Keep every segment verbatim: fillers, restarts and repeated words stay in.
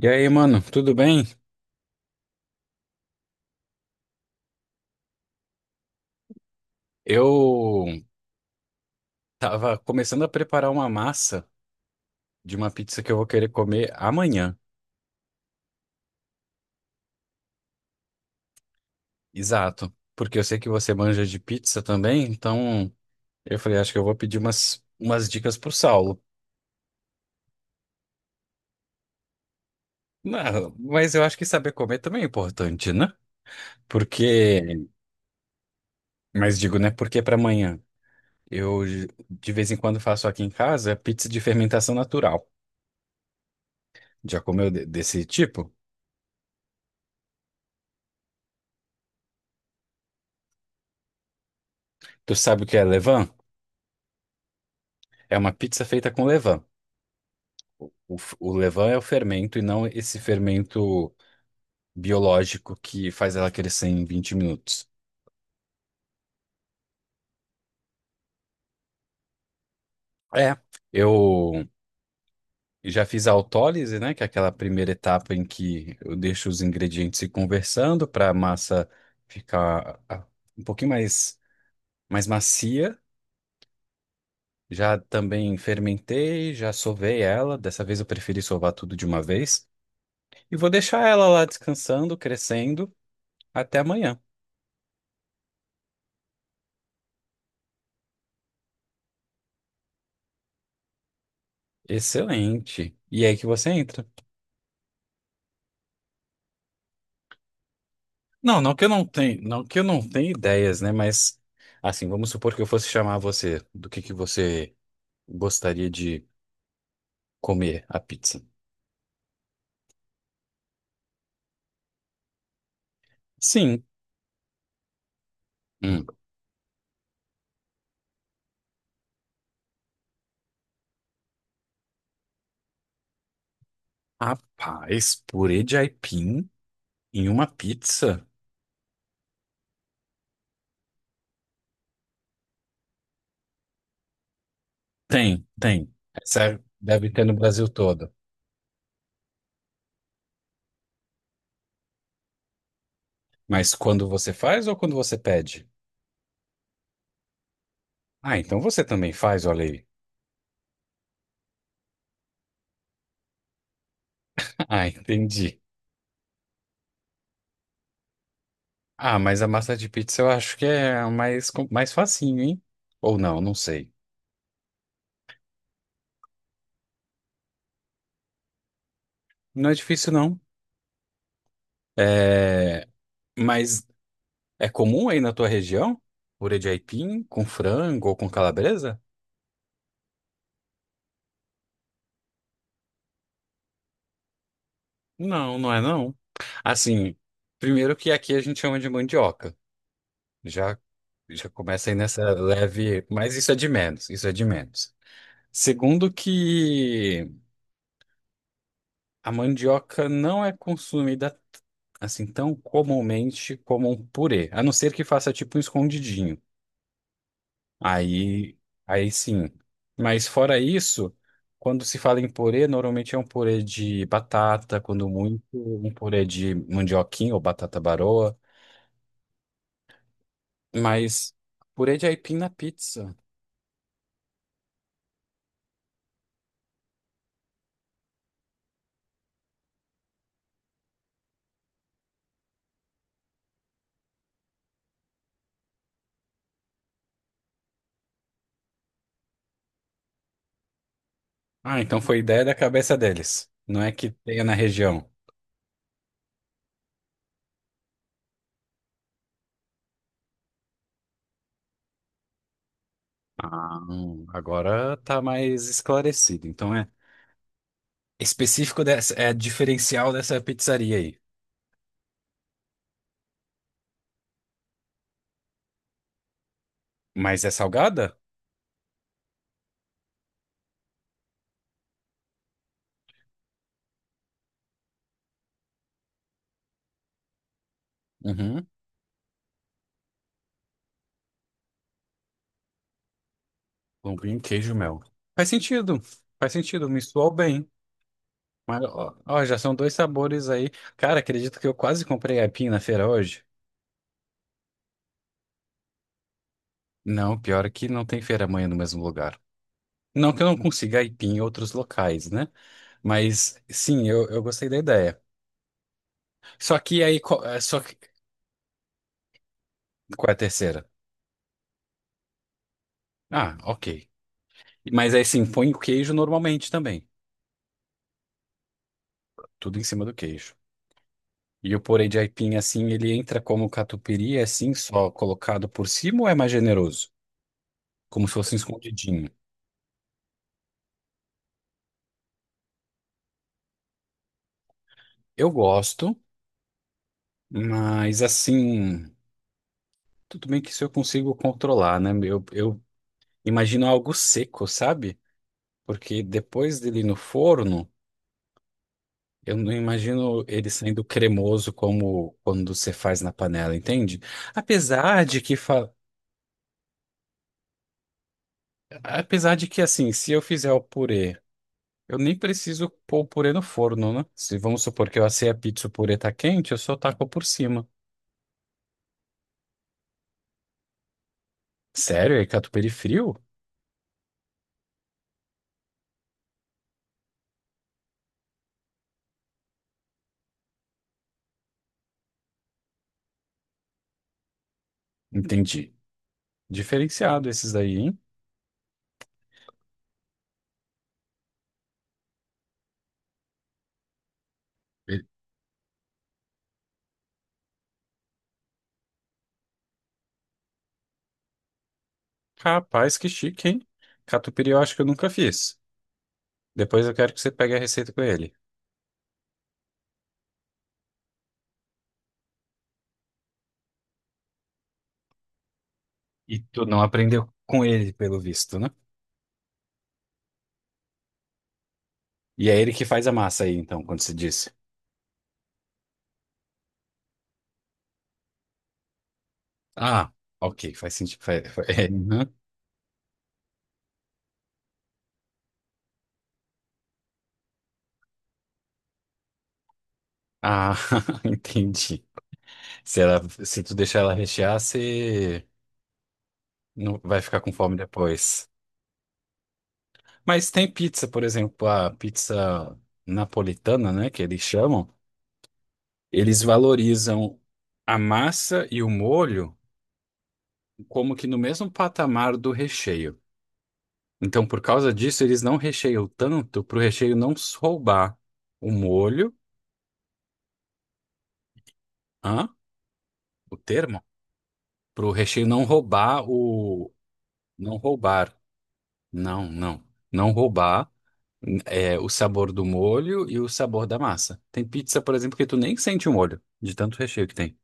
E aí, mano, tudo bem? Eu tava começando a preparar uma massa de uma pizza que eu vou querer comer amanhã. Exato. Porque eu sei que você manja de pizza também, então eu falei, acho que eu vou pedir umas, umas dicas pro Saulo. Não, mas eu acho que saber comer também é importante, né? Porque, mas digo, né? Porque para amanhã. Eu de vez em quando faço aqui em casa pizza de fermentação natural. Já comeu de- desse tipo? Tu sabe o que é levain? É uma pizza feita com levain. O, f- o levain é o fermento e não esse fermento biológico que faz ela crescer em vinte minutos. É, eu já fiz a autólise, né, que é aquela primeira etapa em que eu deixo os ingredientes se conversando para a massa ficar ah, um pouquinho mais, mais macia. Já também fermentei, já sovei ela. Dessa vez eu preferi sovar tudo de uma vez. E vou deixar ela lá descansando, crescendo, até amanhã. Excelente. E é aí que você entra. Não, não que eu não tenha, não que eu não tenha ideias, né? Mas assim, vamos supor que eu fosse chamar você do que que você gostaria de comer a pizza. Sim. Hum. Rapaz, purê de aipim em uma pizza? Tem, tem. Essa é, deve ter no Brasil todo. Mas quando você faz ou quando você pede? Ah, então você também faz, olha aí. Ah, entendi. Ah, mas a massa de pizza eu acho que é mais, com- mais facinho, hein? Ou não, não sei. Não é difícil, não. É, mas é comum aí na tua região? Purê de aipim com frango ou com calabresa? Não, não é não. Assim, primeiro que aqui a gente chama de mandioca. Já já começa aí nessa leve, mas isso é de menos, isso é de menos. Segundo que a mandioca não é consumida assim tão comumente como um purê, a não ser que faça tipo um escondidinho. Aí, aí sim. Mas fora isso, quando se fala em purê, normalmente é um purê de batata, quando muito, um purê de mandioquinha ou batata baroa. Mas purê de aipim na pizza. Ah, então foi ideia da cabeça deles. Não é que tenha na região. Ah, hum, agora tá mais esclarecido. Então é específico dessa, é diferencial dessa pizzaria aí. Mas é salgada? Uhum. Lombinho, queijo, mel. Faz sentido. Faz sentido, me soou bem. Mas, ó, ó, já são dois sabores aí. Cara, acredito que eu quase comprei aipim na feira hoje. Não, pior que não tem feira amanhã no mesmo lugar. Não que eu não consiga aipim em outros locais, né? Mas sim, eu, eu gostei da ideia. Só que aí, qual, é, só que, qual é a terceira? Ah, ok. Mas aí sim, põe o queijo normalmente também. Tudo em cima do queijo. E o purê de aipim, assim, ele entra como catupiry, é, assim, só colocado por cima ou é mais generoso? Como se fosse um escondidinho. Eu gosto. Mas assim. Tudo bem que isso eu consigo controlar, né? Eu, eu imagino algo seco, sabe? Porque depois dele no forno, eu não imagino ele saindo cremoso como quando você faz na panela, entende? Apesar de que, fa... apesar de que assim, se eu fizer o purê, eu nem preciso pôr o purê no forno, né? Se vamos supor que eu assei a pizza, e o purê tá quente, eu só taco por cima. Sério? É catupiry frio? Entendi. Diferenciado esses daí, hein? Rapaz, que chique, hein? Catupiry eu acho que eu nunca fiz. Depois eu quero que você pegue a receita com ele. E tu não aprendeu com ele, pelo visto, né? E é ele que faz a massa aí, então, quando você disse. Ah, ok, faz sentido. Faz- fa- é, uhum. Ah, entendi. Se ela, se tu deixar ela rechear, você não vai ficar com fome depois. Mas tem pizza, por exemplo, a pizza napolitana, né, que eles chamam. Eles valorizam a massa e o molho como que no mesmo patamar do recheio. Então, por causa disso, eles não recheiam tanto para o recheio não roubar o molho, hã? O termo? Para o recheio não roubar o. Não roubar. Não, não. Não roubar é, o sabor do molho e o sabor da massa. Tem pizza, por exemplo, que tu nem sente o molho, de tanto recheio que tem.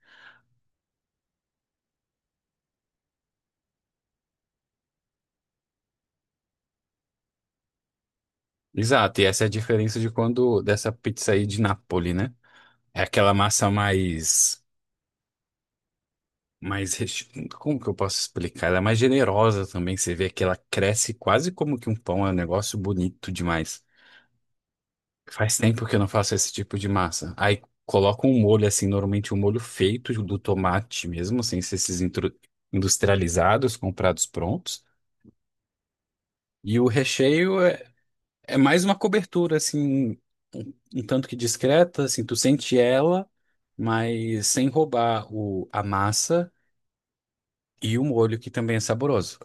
Exato, e essa é a diferença de quando dessa pizza aí de Napoli, né? É aquela massa mais mais. reche- Como que eu posso explicar? Ela é mais generosa também. Você vê que ela cresce quase como que um pão. É um negócio bonito demais. Faz tempo que eu não faço esse tipo de massa. Aí coloca um molho assim, normalmente um molho feito do tomate mesmo, sem ser esses intru- industrializados, comprados prontos. E o recheio é, é mais uma cobertura, assim, um, um tanto que discreta, assim, tu sente ela, mas sem roubar o, a massa e o molho, que também é saboroso.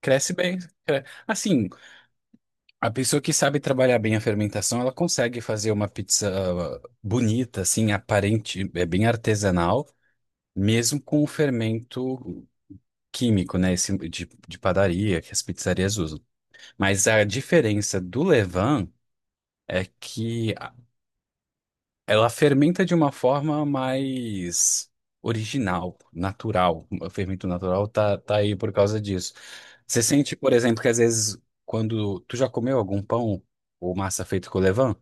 Cresce bem. cre- Assim, a pessoa que sabe trabalhar bem a fermentação, ela consegue fazer uma pizza bonita, assim, aparente, é bem artesanal, mesmo com o fermento químico, né? Esse de, de padaria que as pizzarias usam. Mas a diferença do levain é que ela fermenta de uma forma mais original, natural. O fermento natural tá, tá aí por causa disso. Você sente, por exemplo, que às vezes quando tu já comeu algum pão ou massa feito com levain,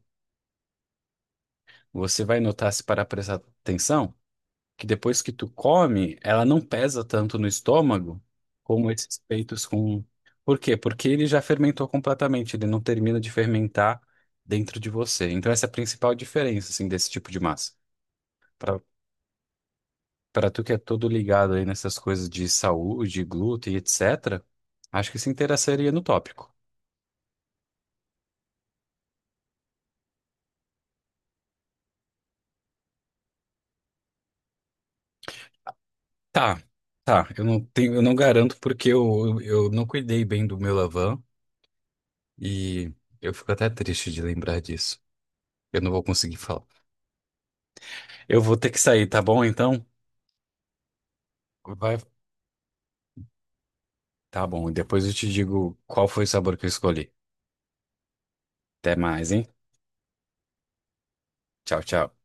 você vai notar, se parar pra prestar atenção, que depois que tu come, ela não pesa tanto no estômago como esses peitos com... Por quê? Porque ele já fermentou completamente, ele não termina de fermentar dentro de você. Então essa é a principal diferença, assim, desse tipo de massa. Para tu que é todo ligado aí nessas coisas de saúde, glúten, etcétera, acho que se interessaria no tópico. Tá, tá. Eu não tenho, eu não garanto porque eu, eu não cuidei bem do meu Lavan e eu fico até triste de lembrar disso. Eu não vou conseguir falar. Eu vou ter que sair, tá bom? Então, vai. Tá bom. E depois eu te digo qual foi o sabor que eu escolhi. Até mais, hein? Tchau, tchau.